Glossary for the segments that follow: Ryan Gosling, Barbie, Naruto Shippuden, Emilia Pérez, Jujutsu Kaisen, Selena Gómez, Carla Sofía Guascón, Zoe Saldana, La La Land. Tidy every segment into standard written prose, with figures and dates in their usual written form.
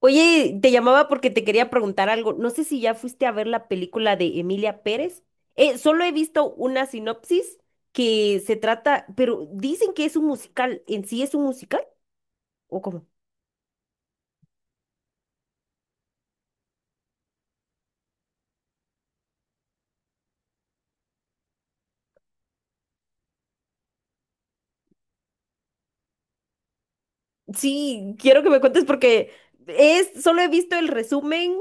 Oye, te llamaba porque te quería preguntar algo. No sé si ya fuiste a ver la película de Emilia Pérez. Solo he visto una sinopsis que se trata, pero dicen que es un musical. ¿En sí es un musical? ¿O cómo? Sí, quiero que me cuentes porque es, solo he visto el resumen,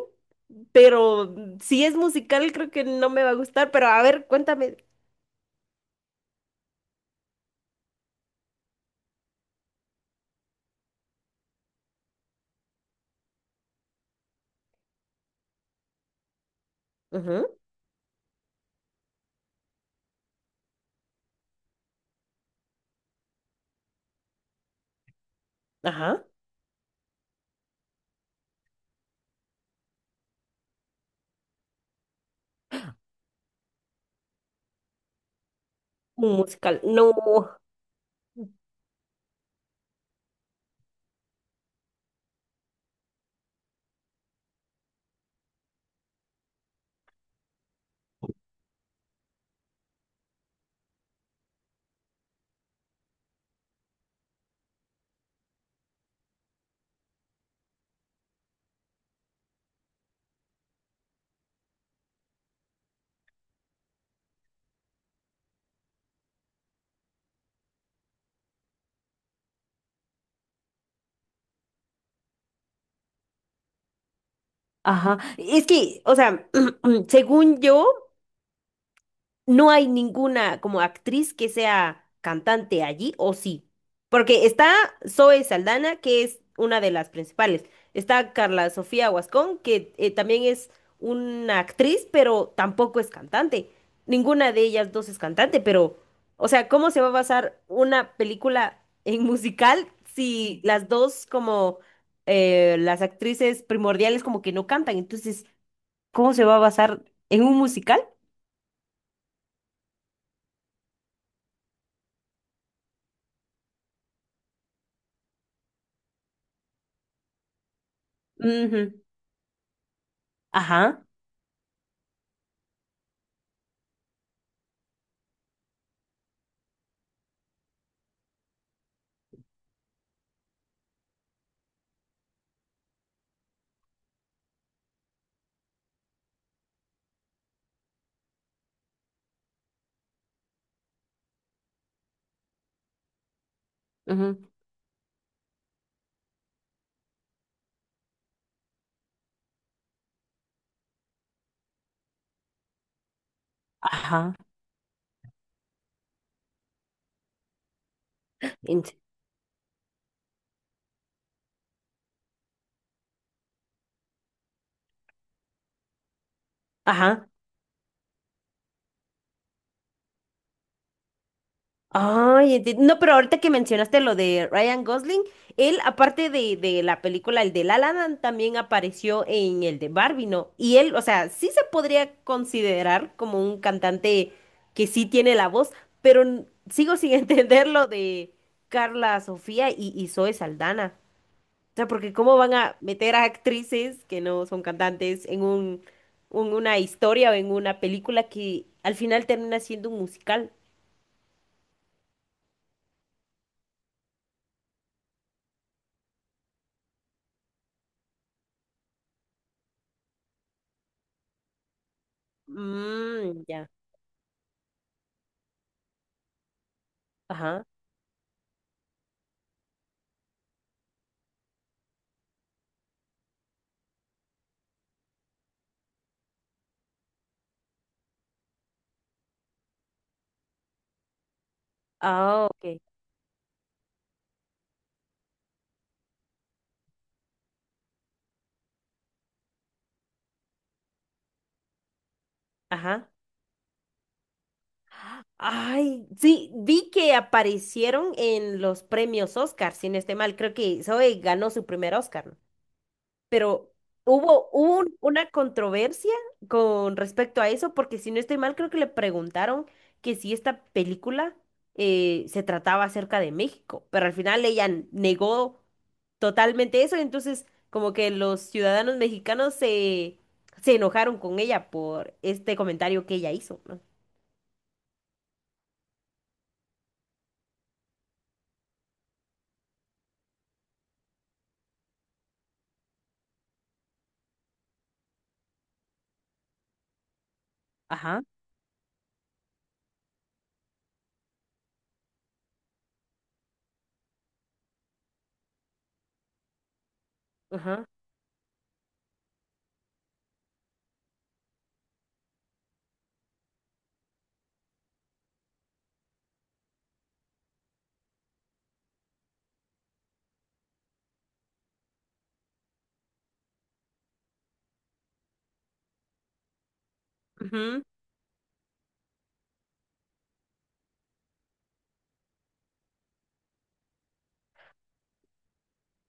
pero si es musical creo que no me va a gustar. Pero a ver, cuéntame. Ujú. Ajá. Un musical. No. Ajá. Es que, o sea, según yo. No hay ninguna como actriz que sea cantante allí, o sí. Porque está Zoe Saldana, que es una de las principales. Está Carla Sofía Guascón, que también es una actriz, pero tampoco es cantante. Ninguna de ellas dos es cantante, pero, o sea, ¿cómo se va a basar una película en musical si las dos como las actrices primordiales como que no cantan? Entonces, ¿cómo se va a basar en un musical? Ujú. Ajá. Ujú. Ajá. en- Ajá. Ay, no, pero ahorita que mencionaste lo de Ryan Gosling, él, aparte de la película, el de La La Land, también apareció en el de Barbie, ¿no? Y él, o sea, sí se podría considerar como un cantante que sí tiene la voz, pero sigo sin entender lo de Carla Sofía y Zoe Saldana. O sea, porque cómo van a meter a actrices que no son cantantes en un, una historia o en una película que al final termina siendo un musical. Mmm, ya. Ajá. Ah, ok. Ajá. Ay, sí, vi que aparecieron en los premios Oscar, si no estoy mal. Creo que Zoe ganó su primer Oscar, ¿no? Pero hubo un, una controversia con respecto a eso, porque si no estoy mal, creo que le preguntaron que si esta película se trataba acerca de México, pero al final ella negó totalmente eso, entonces como que los ciudadanos mexicanos se enojaron con ella por este comentario que ella hizo, ¿no? Ajá. Ajá. Ujú.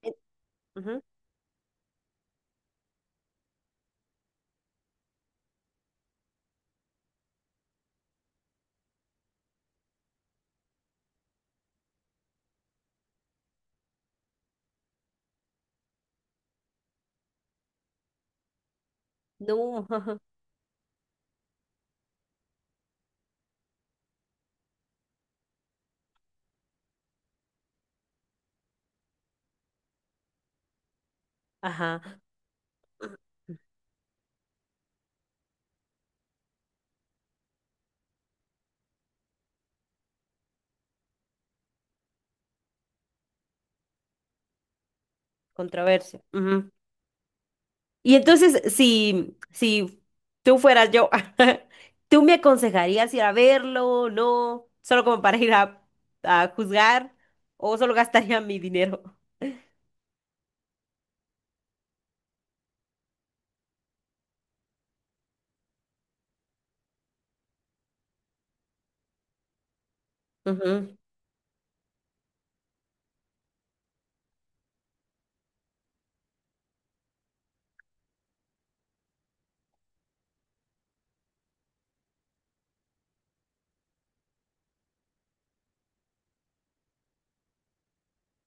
eh, Ujú. No. Ajá. Controversia. Y entonces, si tú fueras yo, ¿tú me aconsejarías ir a verlo? ¿No? ¿Solo como para ir a juzgar? ¿O solo gastaría mi dinero? Ujú.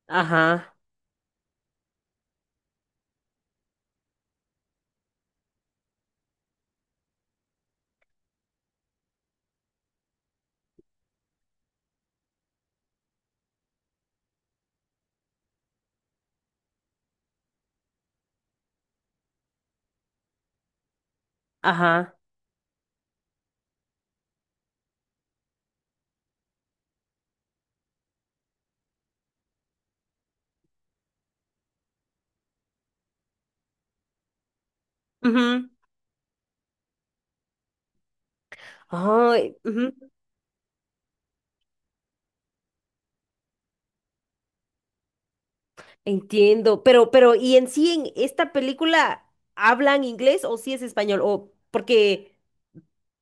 Ajá, ajá. Ujú. Ay, ujú. Entiendo. Pero, ¿y en sí en esta película hablan inglés o sí es español? O porque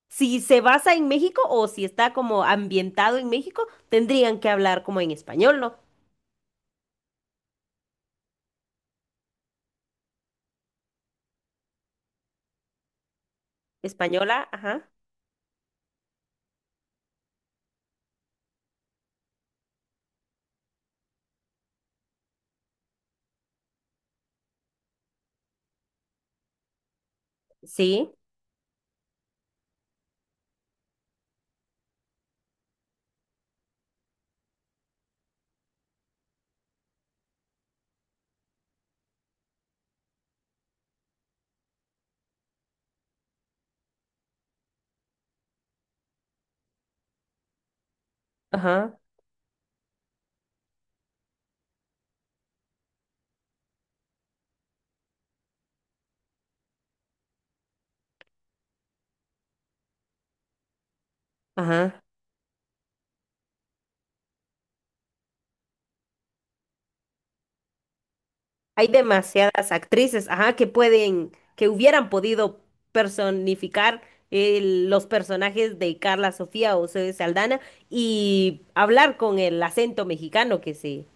si se basa en México o si está como ambientado en México, tendrían que hablar como en español, ¿no? Española, ajá. Sí, ajá, ajá. Hay demasiadas actrices, ajá, que pueden, que hubieran podido personificar eh, los personajes de Carla Sofía o Zoe Saldana y hablar con el acento mexicano que se.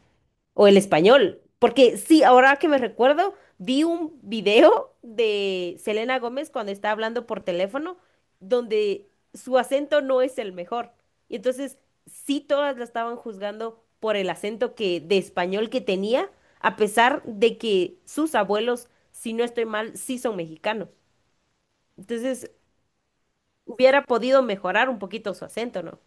O el español. Porque sí, ahora que me recuerdo, vi un video de Selena Gómez cuando está hablando por teléfono, donde su acento no es el mejor. Y entonces, sí, todas la estaban juzgando por el acento de español que tenía, a pesar de que sus abuelos, si no estoy mal, sí son mexicanos. Entonces, hubiera podido mejorar un poquito su acento, ¿no?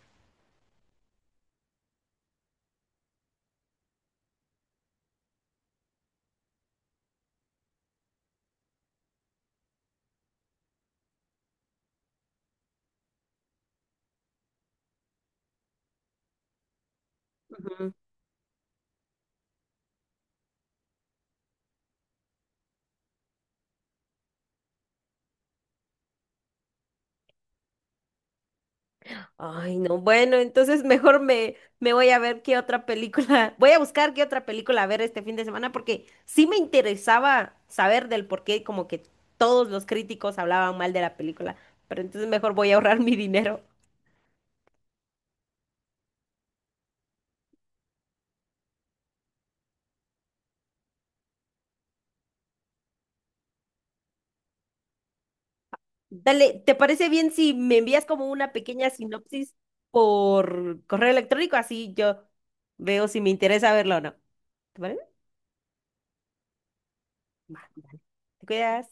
Ay, no, bueno, entonces mejor me voy a ver qué otra película, voy a buscar qué otra película ver este fin de semana porque sí me interesaba saber del por qué como que todos los críticos hablaban mal de la película, pero entonces mejor voy a ahorrar mi dinero. Dale, ¿te parece bien si me envías como una pequeña sinopsis por correo electrónico? Así yo veo si me interesa verlo o no. ¿Te parece? Va, te cuidas.